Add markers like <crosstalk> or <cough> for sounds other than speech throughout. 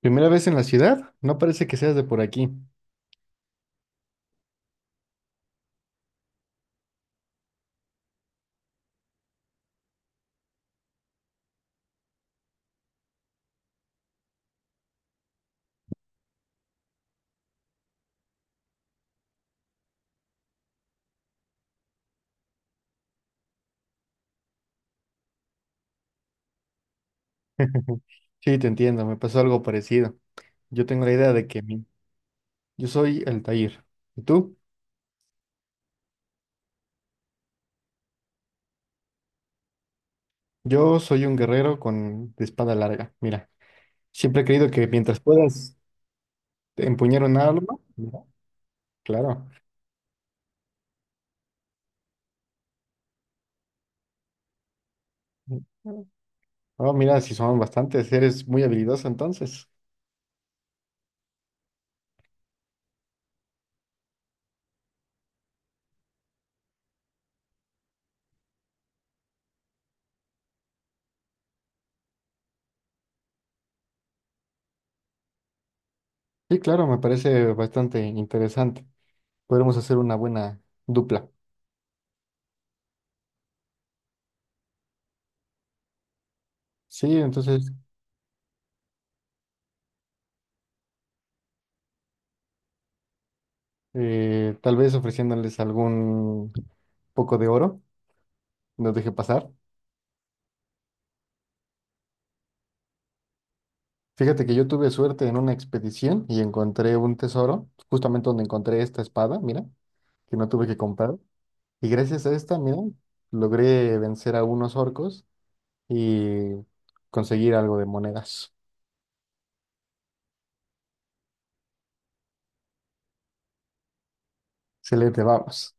¿Primera vez en la ciudad? No parece que seas de por aquí. <laughs> Sí, te entiendo, me pasó algo parecido. Yo tengo la idea de que mi- yo soy Altair. ¿Y tú? Yo soy un guerrero con de espada larga. Mira, siempre he creído que mientras puedas empuñar un arma, mira, claro. Oh, mira, si son bastantes, eres muy habilidoso entonces. Sí, claro, me parece bastante interesante. Podremos hacer una buena dupla. Sí, entonces, tal vez ofreciéndoles algún poco de oro, los dejé pasar. Fíjate que yo tuve suerte en una expedición y encontré un tesoro, justamente donde encontré esta espada, mira, que no tuve que comprar. Y gracias a esta, mira, logré vencer a unos orcos y conseguir algo de monedas. Excelente, vamos.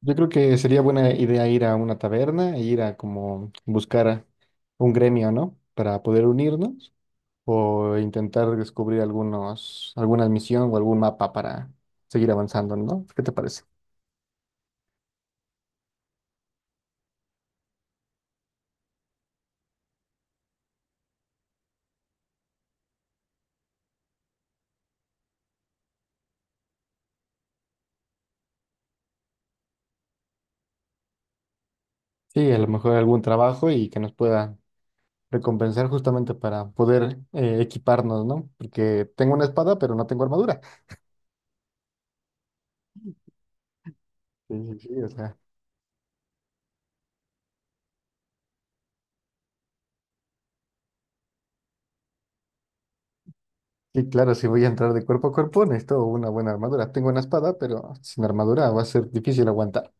Yo creo que sería buena idea ir a una taberna e ir a como buscar a un gremio, ¿no? Para poder unirnos o intentar descubrir algunos, alguna misión o algún mapa para seguir avanzando, ¿no? ¿Qué te parece? Sí, a lo mejor algún trabajo y que nos pueda recompensar justamente para poder equiparnos, ¿no? Porque tengo una espada, pero no tengo armadura. Sí, sí, sí, o sea, sí, claro, si voy a entrar de cuerpo a cuerpo, necesito una buena armadura. Tengo una espada, pero sin armadura va a ser difícil aguantar.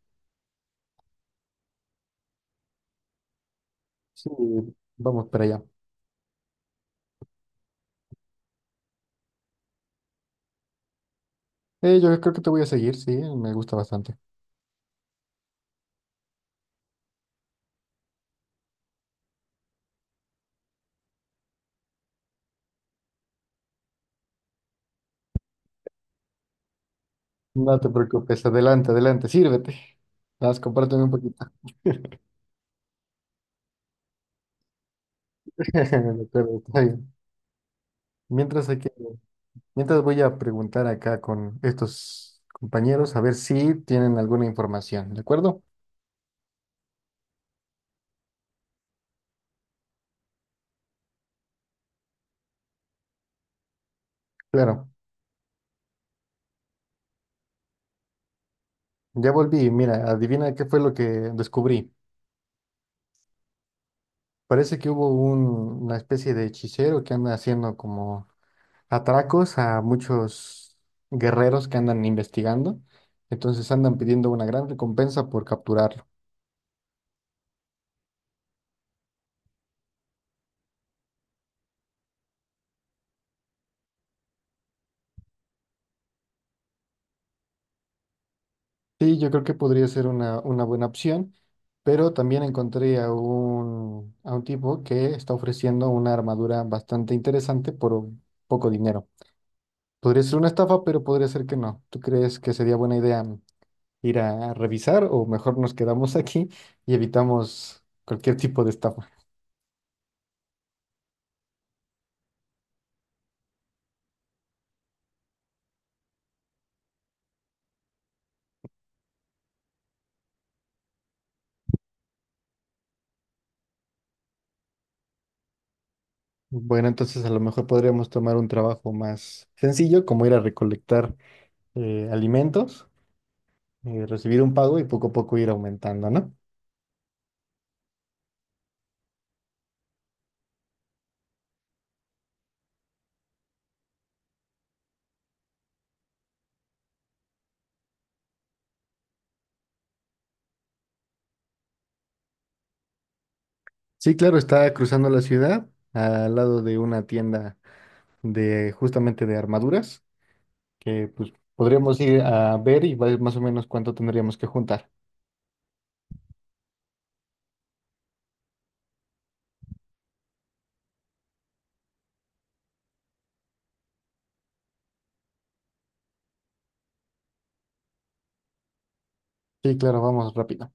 Sí, vamos para allá. Yo creo que te voy a seguir, sí, me gusta bastante. No te preocupes, adelante, adelante, sírvete. Vas, compárteme un poquito. <laughs> De acuerdo, está bien. Mientras aquí- Mientras voy a preguntar acá con estos compañeros a ver si tienen alguna información, ¿de acuerdo? Claro, ya volví. Mira, adivina qué fue lo que descubrí. Parece que hubo una especie de hechicero que anda haciendo como atracos a muchos guerreros que andan investigando. Entonces andan pidiendo una gran recompensa por capturarlo. Sí, yo creo que podría ser una buena opción, pero también encontré a a un tipo que está ofreciendo una armadura bastante interesante por un poco dinero. Podría ser una estafa, pero podría ser que no. ¿Tú crees que sería buena idea ir a revisar o mejor nos quedamos aquí y evitamos cualquier tipo de estafa? Bueno, entonces a lo mejor podríamos tomar un trabajo más sencillo, como ir a recolectar alimentos, recibir un pago y poco a poco ir aumentando, ¿no? Sí, claro, está cruzando la ciudad al lado de una tienda de justamente de armaduras que pues podríamos ir a ver y ver más o menos cuánto tendríamos que juntar. Sí, claro, vamos rápido.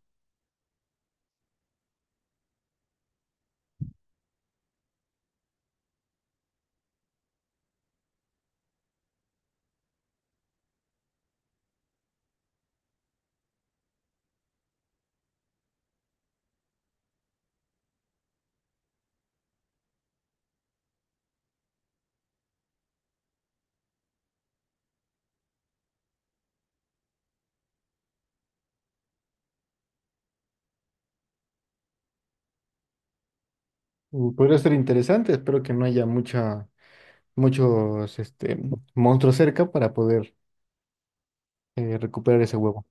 Mm, podría ser interesante, espero que no haya muchos este, monstruos cerca para poder recuperar ese huevo.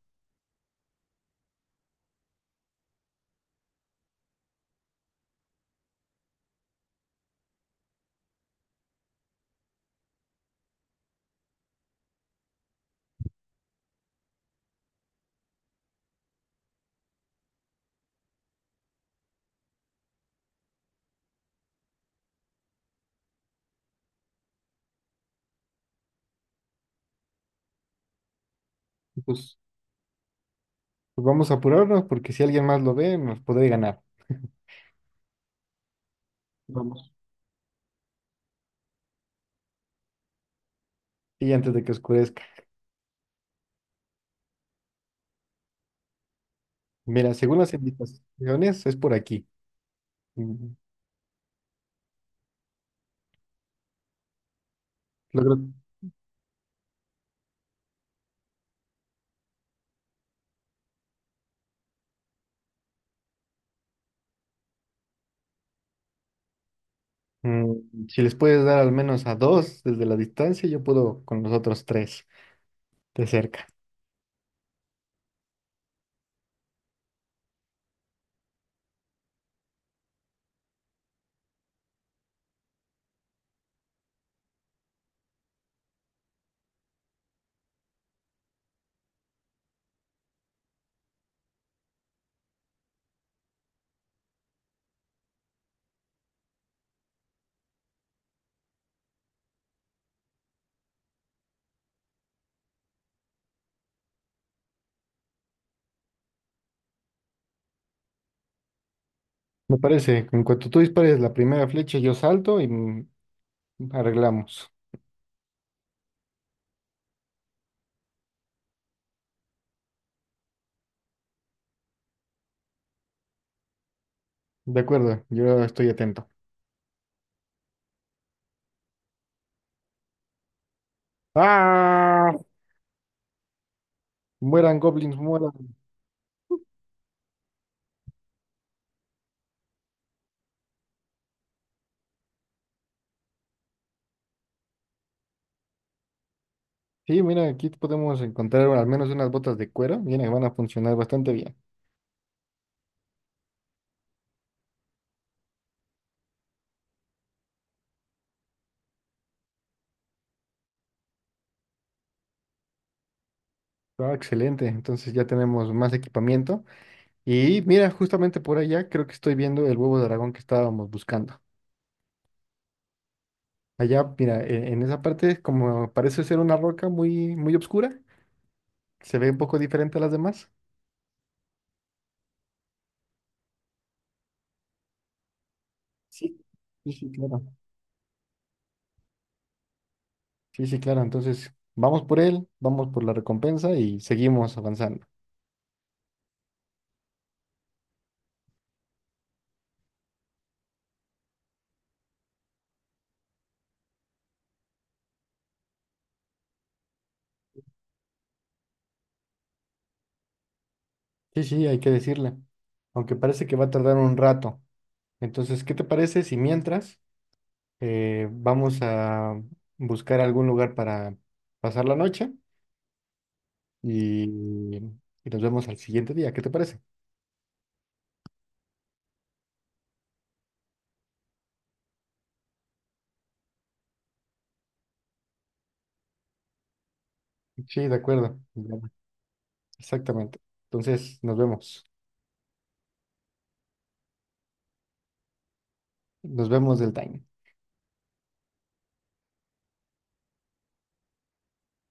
Y, pues, pues vamos a apurarnos porque si alguien más lo ve nos puede ganar. Vamos. Y antes de que oscurezca. Mira, según las indicaciones es por aquí. Mm, Logro Mm, si les puedes dar al menos a dos desde la distancia, yo puedo con los otros tres de cerca. Me parece, en cuanto tú dispares la primera flecha, yo salto y arreglamos. De acuerdo, yo estoy atento. ¡Ah! Mueran goblins, mueran. Sí, mira, aquí podemos encontrar al menos unas botas de cuero. Viene, van a funcionar bastante bien. Ah, excelente, entonces ya tenemos más equipamiento. Y mira, justamente por allá creo que estoy viendo el huevo de dragón que estábamos buscando. Allá, mira, en esa parte, como parece ser una roca muy, muy obscura se ve un poco diferente a las demás. Sí, sí, sí, claro. Sí, sí, claro. Entonces, vamos por él, vamos por la recompensa y seguimos avanzando. Sí, sí, hay que decirle. Aunque parece que va a tardar un rato. Entonces, ¿qué te parece si mientras vamos a buscar algún lugar para pasar la noche y, y nos vemos al siguiente día? ¿Qué te parece? Sí, de acuerdo. Exactamente. Entonces, nos vemos. Nos vemos del time.